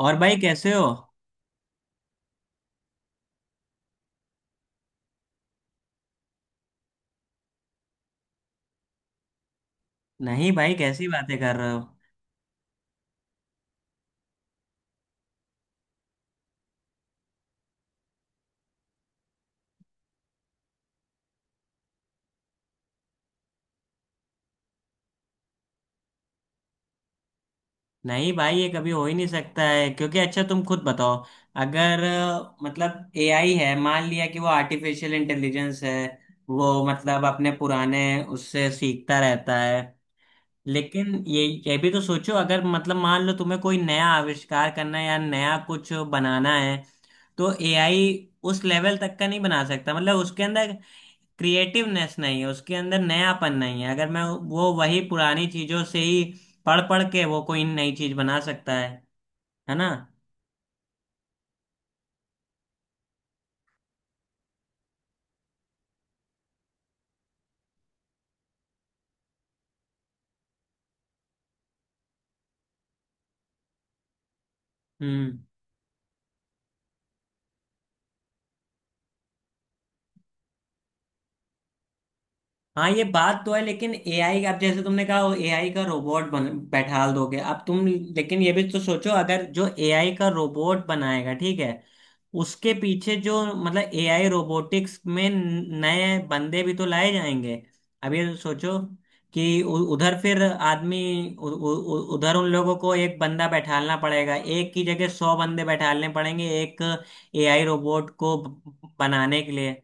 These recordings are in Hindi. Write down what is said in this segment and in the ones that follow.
और भाई, कैसे हो? नहीं भाई, कैसी बातें कर रहे हो? नहीं भाई, ये कभी हो ही नहीं सकता है, क्योंकि अच्छा, तुम खुद बताओ, अगर मतलब एआई है, मान लिया कि वो आर्टिफिशियल इंटेलिजेंस है। वो मतलब अपने पुराने उससे सीखता रहता है। लेकिन ये भी तो सोचो, अगर मतलब मान लो तुम्हें कोई नया आविष्कार करना है या नया कुछ बनाना है, तो एआई उस लेवल तक का नहीं बना सकता, मतलब उसके अंदर क्रिएटिवनेस नहीं है, उसके अंदर नयापन नहीं है। अगर मैं वो वही पुरानी चीजों से ही पढ़ पढ़ के वो कोई नई चीज बना सकता है ना? हम्म। हाँ, ये बात तो है, लेकिन एआई अब जैसे तुमने कहा एआई का रोबोट बन बैठाल दोगे अब तुम। लेकिन ये भी तो सोचो, अगर जो एआई का रोबोट बनाएगा, ठीक है, उसके पीछे जो मतलब एआई रोबोटिक्स में नए बंदे भी तो लाए जाएंगे। अब ये सोचो कि उधर फिर आदमी उ, उ, उ, उधर उन लोगों को एक बंदा बैठालना पड़ेगा, एक की जगह 100 बंदे बैठालने पड़ेंगे, एक एआई रोबोट को बनाने के लिए।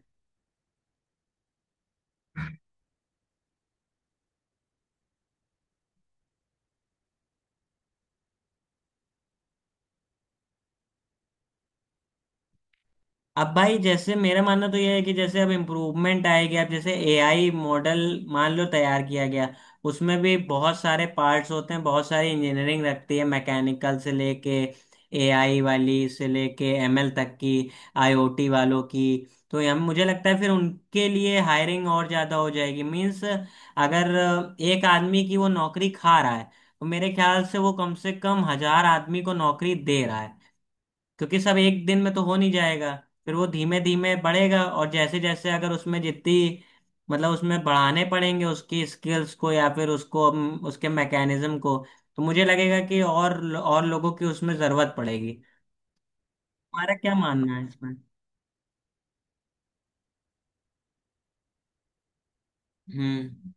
अब भाई, जैसे मेरा मानना तो यह है कि जैसे अब इम्प्रूवमेंट आएगी, अब जैसे एआई मॉडल मान लो तैयार किया गया, उसमें भी बहुत सारे पार्ट्स होते हैं, बहुत सारी इंजीनियरिंग रखती है, मैकेनिकल से लेके एआई वाली से लेके एमएल तक की, आईओटी वालों की। तो हम मुझे लगता है फिर उनके लिए हायरिंग और ज़्यादा हो जाएगी। मीन्स अगर एक आदमी की वो नौकरी खा रहा है, तो मेरे ख्याल से वो कम से कम 1000 आदमी को नौकरी दे रहा है, क्योंकि सब एक दिन में तो हो नहीं जाएगा। फिर वो धीमे धीमे बढ़ेगा। और जैसे जैसे अगर उसमें जितनी, मतलब उसमें बढ़ाने पड़ेंगे उसकी स्किल्स को या फिर उसको उसके मैकेनिज्म को, तो मुझे लगेगा कि और लोगों की उसमें जरूरत पड़ेगी। हमारा क्या मानना है इसमें? हम्म।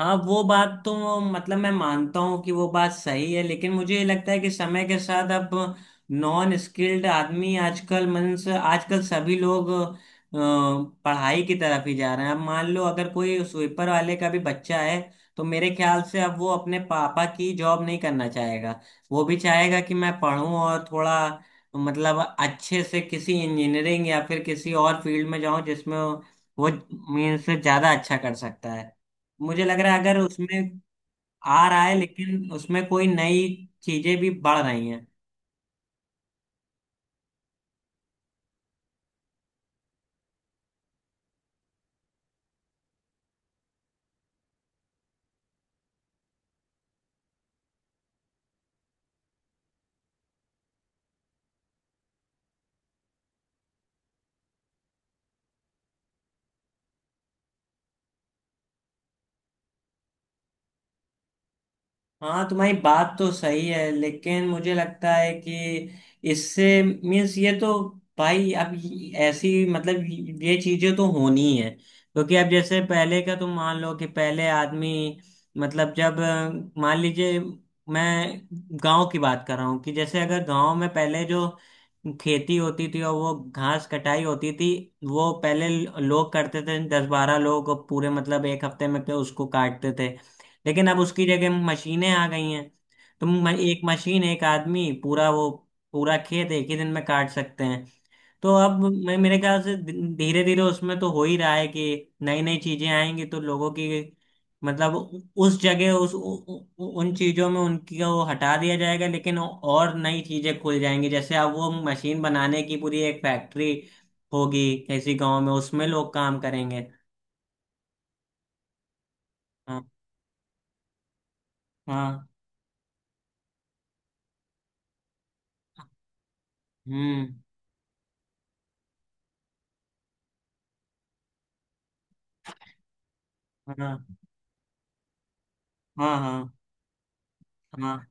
हाँ, वो बात तो, मतलब मैं मानता हूँ कि वो बात सही है, लेकिन मुझे ये लगता है कि समय के साथ अब नॉन स्किल्ड आदमी आजकल, मीन्स आजकल सभी लोग पढ़ाई की तरफ ही जा रहे हैं। अब मान लो अगर कोई स्वीपर वाले का भी बच्चा है, तो मेरे ख्याल से अब वो अपने पापा की जॉब नहीं करना चाहेगा। वो भी चाहेगा कि मैं पढूं और थोड़ा मतलब अच्छे से किसी इंजीनियरिंग या फिर किसी और फील्ड में जाऊं जिसमें वो, मीन्स ज्यादा अच्छा कर सकता है। मुझे लग रहा है अगर उसमें आ रहा है लेकिन उसमें कोई नई चीजें भी बढ़ रही हैं। हाँ, तुम्हारी बात तो सही है, लेकिन मुझे लगता है कि इससे मीन्स ये तो, भाई अब ऐसी मतलब ये चीजें तो होनी ही है, क्योंकि अब जैसे पहले का तुम मान लो कि पहले आदमी मतलब जब मान लीजिए मैं गांव की बात कर रहा हूँ कि जैसे अगर गांव में पहले जो खेती होती थी और वो घास कटाई होती थी, वो पहले लोग करते थे, दस बारह लोग पूरे, मतलब एक हफ्ते में के उसको काटते थे। लेकिन अब उसकी जगह मशीनें आ गई हैं। तो एक मशीन एक आदमी पूरा वो पूरा खेत एक ही दिन में काट सकते हैं। तो अब मैं, मेरे ख्याल से धीरे धीरे उसमें तो हो ही रहा है कि नई नई चीजें आएंगी, तो लोगों की मतलब उस जगह उन चीजों में उनकी वो हटा दिया जाएगा, लेकिन और नई चीजें खुल जाएंगी। जैसे अब वो मशीन बनाने की पूरी एक फैक्ट्री होगी किसी गांव में, उसमें लोग काम करेंगे। हाँ, हाँ। हम्म। हाँ, हाँ, हाँ, हाँ,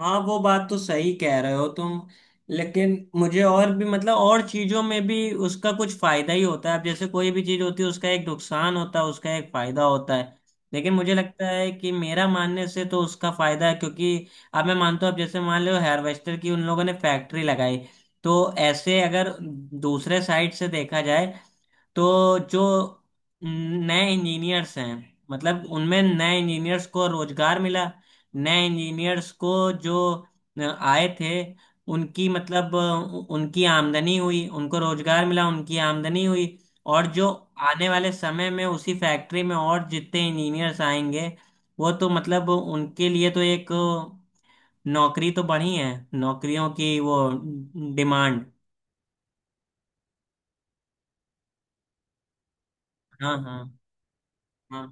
हाँ। वो बात तो सही कह रहे हो तुम, लेकिन मुझे और भी, मतलब और चीजों में भी उसका कुछ फायदा ही होता है। अब जैसे कोई भी चीज होती है, उसका एक नुकसान होता है, उसका एक फायदा होता है। लेकिन मुझे लगता है कि मेरा मानने से तो उसका फायदा है, क्योंकि अब मैं मानता हूँ, अब जैसे मान लो हार्वेस्टर की उन लोगों ने फैक्ट्री लगाई, तो ऐसे अगर दूसरे साइड से देखा जाए, तो जो नए इंजीनियर्स हैं, मतलब उनमें नए इंजीनियर्स को रोजगार मिला, नए इंजीनियर्स को जो आए थे, उनकी मतलब उनकी आमदनी हुई, उनको रोजगार मिला, उनकी आमदनी हुई। और जो आने वाले समय में उसी फैक्ट्री में और जितने इंजीनियर्स आएंगे, वो तो मतलब उनके लिए तो एक नौकरी तो बढ़ी है, नौकरियों की वो डिमांड। हाँ, हाँ, हाँ।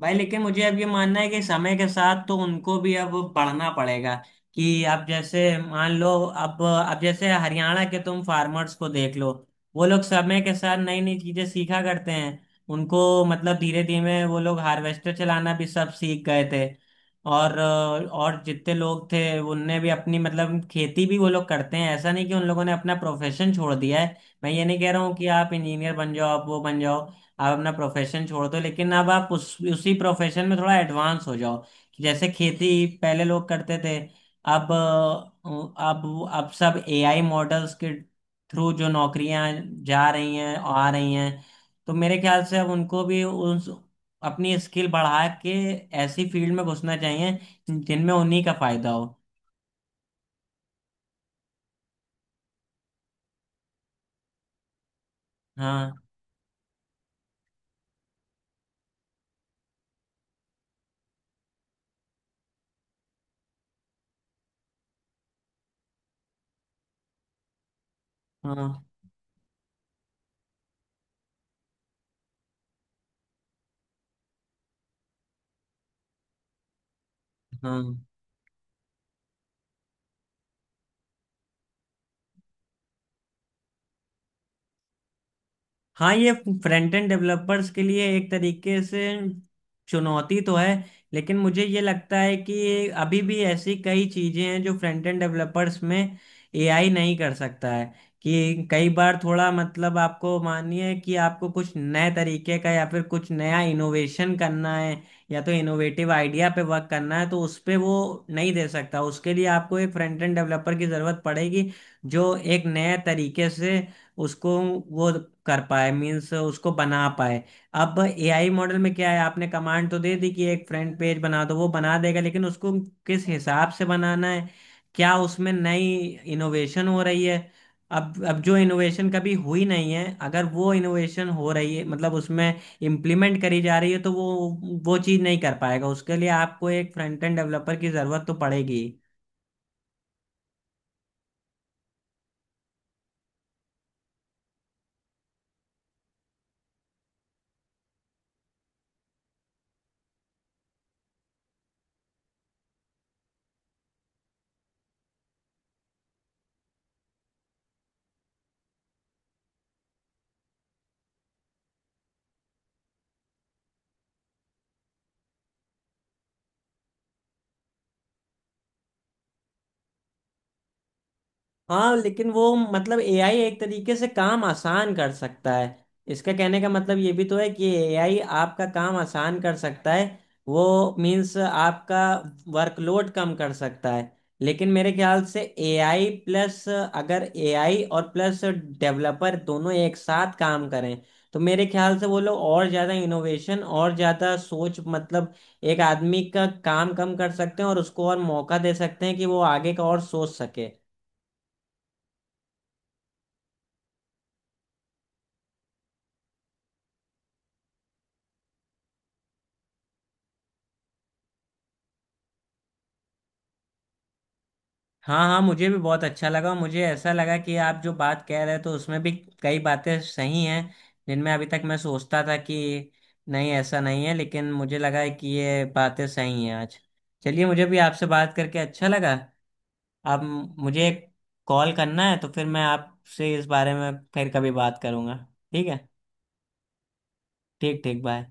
भाई लेकिन मुझे अब ये मानना है कि समय के साथ तो उनको भी अब पढ़ना पड़ेगा। कि आप जैसे मान लो, अब जैसे हरियाणा के तुम फार्मर्स को देख लो। वो लोग समय के साथ नई नई चीजें सीखा करते हैं, उनको मतलब धीरे धीरे वो लोग हार्वेस्टर चलाना भी सब सीख गए थे। और जितने लोग थे उनने भी अपनी मतलब खेती भी वो लोग करते हैं, ऐसा नहीं कि उन लोगों ने अपना प्रोफेशन छोड़ दिया है। मैं ये नहीं कह रहा हूँ कि आप इंजीनियर बन जाओ, आप वो बन जाओ, आप अपना प्रोफेशन छोड़ दो, लेकिन अब आप उस उसी प्रोफेशन में थोड़ा एडवांस हो जाओ। कि जैसे खेती पहले लोग करते थे, अब सब एआई मॉडल्स के थ्रू जो नौकरियां जा रही हैं और आ रही हैं, तो मेरे ख्याल से अब उनको भी उस अपनी स्किल बढ़ा के ऐसी फील्ड में घुसना चाहिए जिनमें उन्हीं का फायदा हो। हाँ, हाँ, हाँ, हाँ, ये फ्रंट एंड डेवलपर्स के लिए एक तरीके से चुनौती तो है, लेकिन मुझे ये लगता है कि अभी भी ऐसी कई चीज़ें हैं जो फ्रंट एंड डेवलपर्स में एआई नहीं कर सकता है। कि कई बार थोड़ा मतलब आपको मानिए कि आपको कुछ नए तरीके का या फिर कुछ नया इनोवेशन करना है या तो इनोवेटिव आइडिया पे वर्क करना है, तो उस पे वो नहीं दे सकता। उसके लिए आपको एक फ्रंट एंड डेवलपर की ज़रूरत पड़ेगी, जो एक नए तरीके से उसको वो कर पाए, मीन्स उसको बना पाए। अब एआई मॉडल में क्या है, आपने कमांड तो दे दी कि एक फ्रंट पेज बना दो, वो बना देगा, लेकिन उसको किस हिसाब से बनाना है, क्या उसमें नई इनोवेशन हो रही है? अब जो इनोवेशन कभी हुई नहीं है, अगर वो इनोवेशन हो रही है, मतलब उसमें इम्प्लीमेंट करी जा रही है, तो वो चीज़ नहीं कर पाएगा, उसके लिए आपको एक फ्रंट एंड डेवलपर की ज़रूरत तो पड़ेगी। हाँ, लेकिन वो मतलब एआई एक तरीके से काम आसान कर सकता है। इसका कहने का मतलब ये भी तो है कि एआई आपका काम आसान कर सकता है, वो मीन्स आपका वर्कलोड कम कर सकता है। लेकिन मेरे ख्याल से एआई प्लस, अगर एआई और प्लस डेवलपर दोनों एक साथ काम करें, तो मेरे ख्याल से वो लोग और ज़्यादा इनोवेशन और ज़्यादा सोच, मतलब एक आदमी का काम कम कर सकते हैं और उसको और मौका दे सकते हैं कि वो आगे का और सोच सके। हाँ, हाँ, मुझे भी बहुत अच्छा लगा। मुझे ऐसा लगा कि आप जो बात कह रहे हैं तो उसमें भी कई बातें सही हैं, जिनमें अभी तक मैं सोचता था कि नहीं ऐसा नहीं है, लेकिन मुझे लगा है कि ये बातें सही हैं आज। चलिए, मुझे भी आपसे बात करके अच्छा लगा। आप, मुझे कॉल करना है तो फिर मैं आपसे इस बारे में फिर कभी बात करूँगा, ठीक है? ठीक, ठीक, बाय।